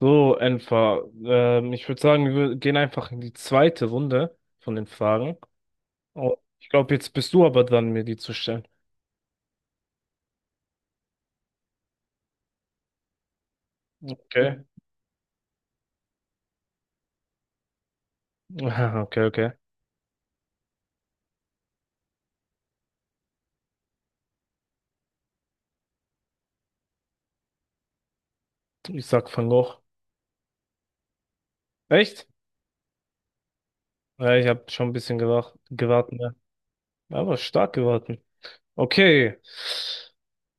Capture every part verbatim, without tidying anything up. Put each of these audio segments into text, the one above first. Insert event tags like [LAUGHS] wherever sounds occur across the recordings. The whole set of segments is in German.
So, Enfer, ähm, ich würde sagen, wir gehen einfach in die zweite Runde von den Fragen. Oh, ich glaube, jetzt bist du aber dran, mir die zu stellen. Okay. [LAUGHS] Aha, okay, okay. Ich sag fang hoch. Echt? Ja, ich habe schon ein bisschen gewa- gewartet, ne? Aber stark gewartet. Okay.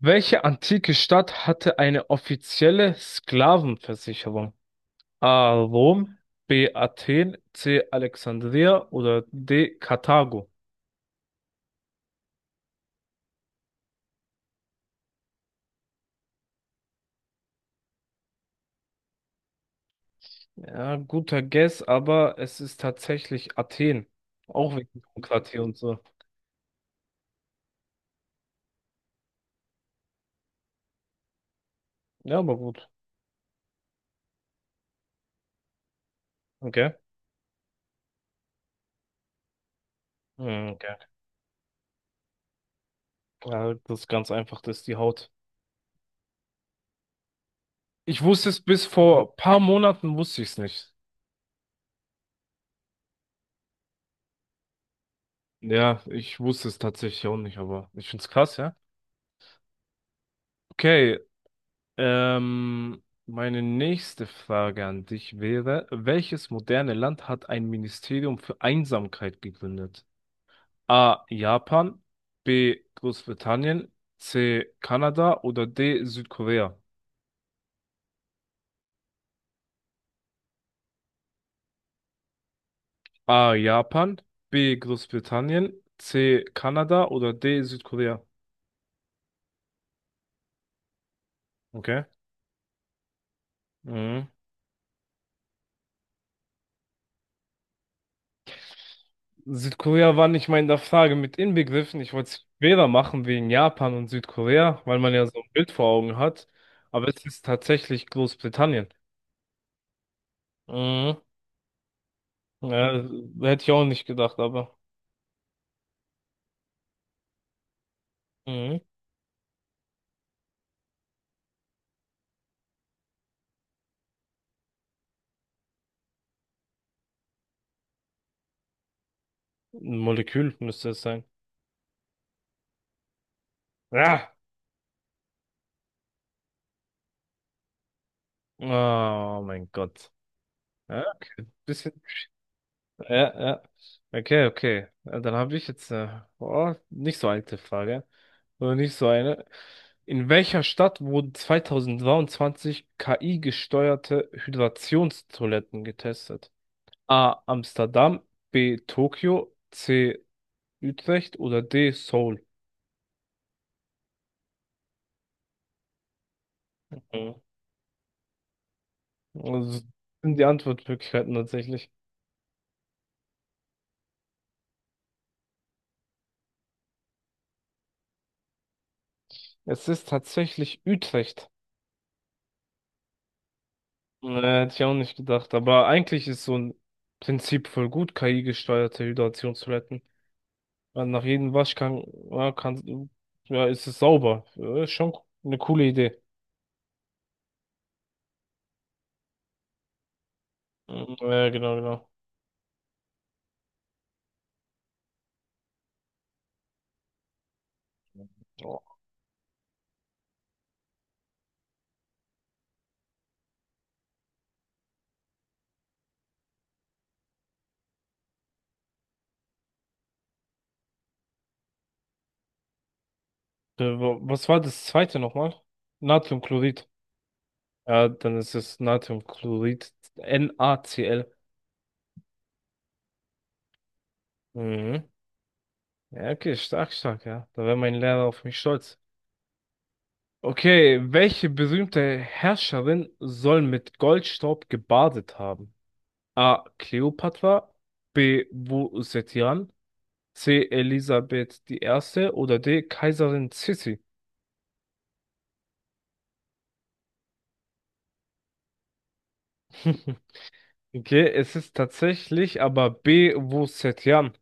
Welche antike Stadt hatte eine offizielle Sklavenversicherung? A. Rom, B. Athen, C. Alexandria oder D. Karthago? Ja, guter Guess, aber es ist tatsächlich Athen. Auch wegen Demokratie und so. Ja, aber gut. Okay. Hm, okay. Ja, das ist ganz einfach, das ist die Haut. Ich wusste es bis vor paar Monaten, wusste ich es nicht. Ja, ich wusste es tatsächlich auch nicht, aber ich find's krass, ja. Okay, ähm, meine nächste Frage an dich wäre, welches moderne Land hat ein Ministerium für Einsamkeit gegründet? A. Japan, B. Großbritannien, C. Kanada oder D. Südkorea? A. Japan, B. Großbritannien, C. Kanada oder D. Südkorea? Okay. Mhm. Südkorea war nicht mal in der Frage mit inbegriffen. Ich wollte es schwerer machen wegen Japan und Südkorea, weil man ja so ein Bild vor Augen hat. Aber es ist tatsächlich Großbritannien. Mhm. Ja, hätte ich auch nicht gedacht, aber. Mhm. Ein Molekül müsste es sein. Ja. Oh mein Gott. Ja, okay. Bisschen. Ja, ja. Okay, okay. Ja, Dann habe ich jetzt eine oh, nicht so alte Frage. Oder nicht so eine. In welcher Stadt wurden zwanzig dreiundzwanzig K I-gesteuerte Hydrationstoiletten getestet? A. Amsterdam, B. Tokio, C. Utrecht oder D. Seoul? Mhm. Also, das sind die Antwortmöglichkeiten tatsächlich. Es ist tatsächlich Utrecht. Nee, hätte ich auch nicht gedacht. Aber eigentlich ist so ein Prinzip voll gut, K I-gesteuerte Hydration zu retten. Weil nach jedem Waschgang, ja, kann, ja, ist es sauber. Ja, Ist schon eine coole Idee. Mhm, Ja, ja, genau, genau. Äh, wa- Was war das zweite nochmal? Natriumchlorid. Ja, dann ist es Natriumchlorid. NaCl. Mhm. Ja, okay, stark, stark, ja. Da wäre mein Lehrer auf mich stolz. Okay, welche berühmte Herrscherin soll mit Goldstaub gebadet haben? A. Kleopatra, B. Wu Zetian, C. Elisabeth die Erste oder D. Kaiserin Sissi. [LAUGHS] Okay, es ist tatsächlich aber B. Wu Zetian.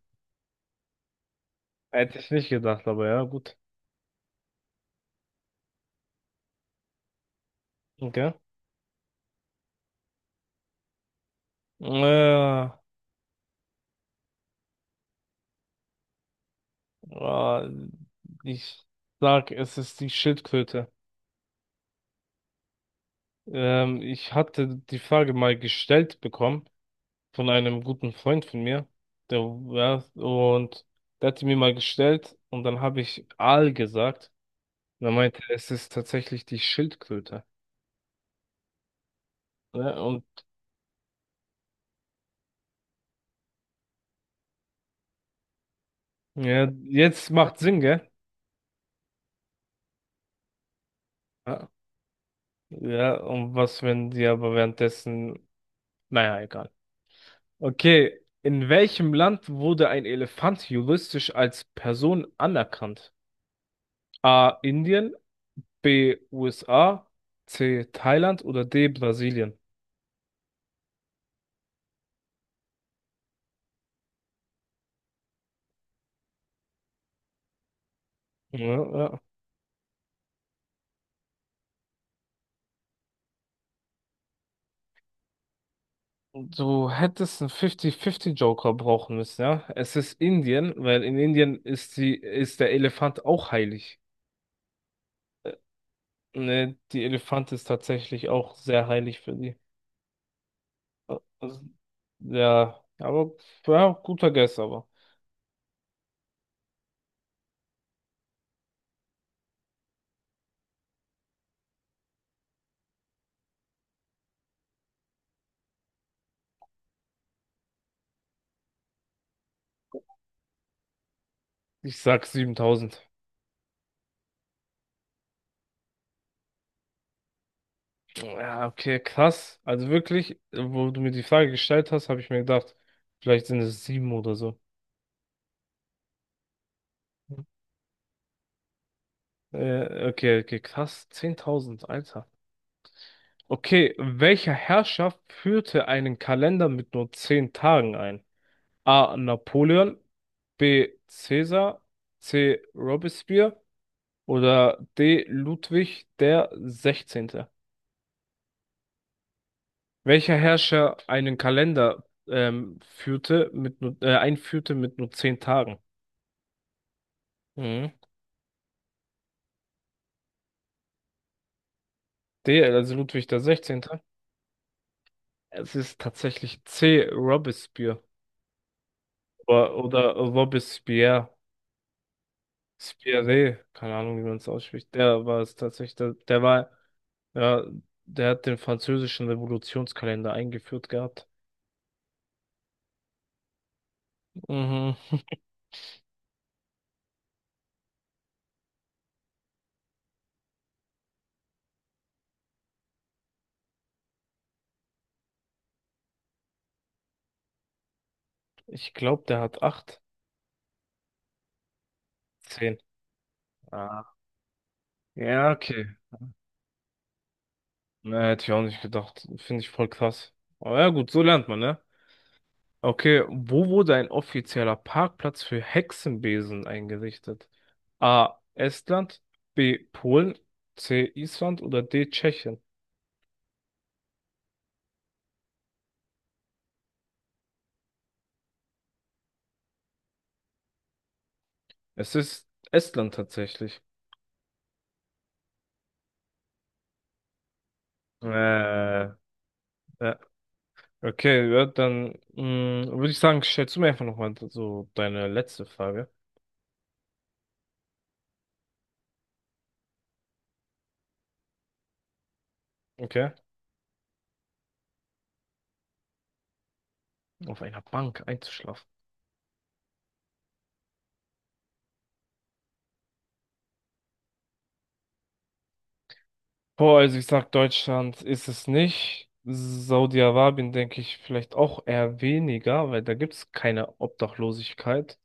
Hätte ich nicht gedacht, aber ja, gut. Okay. Äh, äh, ich sag, es ist die Schildkröte. Ähm, ich hatte die Frage mal gestellt bekommen. von einem guten Freund von mir. Der, ja, und der hat die mir mal gestellt und dann habe ich Aal gesagt. Und er meinte, es ist tatsächlich die Schildkröte. Ja, und ja, jetzt macht Sinn, gell? Ja, ja, und was, wenn die aber währenddessen, naja, egal. Okay, in welchem Land wurde ein Elefant juristisch als Person anerkannt? A. Indien, B. U S A, C. Thailand oder D. Brasilien? Ja, ja. Du hättest einen fünfzig fünfzig Joker brauchen müssen, ja. Es ist Indien, weil in Indien ist die, ist der Elefant auch heilig. Ne, die Elefant ist tatsächlich auch sehr heilig für die. Also, ja, aber ja, guter Guess, aber ich sag siebentausend. Ja, okay, krass. Also wirklich, wo du mir die Frage gestellt hast, habe ich mir gedacht, vielleicht sind es sieben oder so. Äh, okay, okay, krass. zehntausend Alter. Okay, welcher Herrscher führte einen Kalender mit nur zehn Tagen ein? A. Napoleon, B. Caesar, C. Robespierre oder D. Ludwig der Sechzehnte? Welcher Herrscher einen Kalender ähm, führte mit nur, äh, einführte mit nur zehn Tagen? Mhm. D. Also Ludwig der Sechzehnte? Es ist tatsächlich C. Robespierre oder, oder Robespierre. Spiré, keine Ahnung, wie man es ausspricht. Der war es tatsächlich. Der, der war, ja, der hat den französischen Revolutionskalender eingeführt gehabt. Mhm. [LAUGHS] Ich glaube, der hat acht, zehn. Ah. Ja, okay. Ne, hätte ich auch nicht gedacht. Finde ich voll krass. Aber ja, gut, so lernt man, ne? Okay, wo wurde ein offizieller Parkplatz für Hexenbesen eingerichtet? A. Estland, B. Polen, C. Island oder D. Tschechien? Es ist Estland tatsächlich. Äh, ja. Okay, ja, dann mh, würde ich sagen, stellst du mir einfach nochmal so deine letzte Frage. Okay. Auf einer Bank einzuschlafen. Boah, also ich sag, Deutschland ist es nicht. Saudi-Arabien denke ich vielleicht auch eher weniger, weil da gibt es keine Obdachlosigkeit.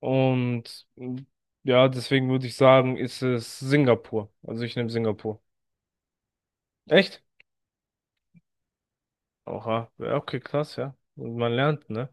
Und mh, ja, deswegen würde ich sagen, ist es Singapur. Also ich nehme Singapur. Echt? Oha. Ja, okay, krass, ja. Und man lernt, ne?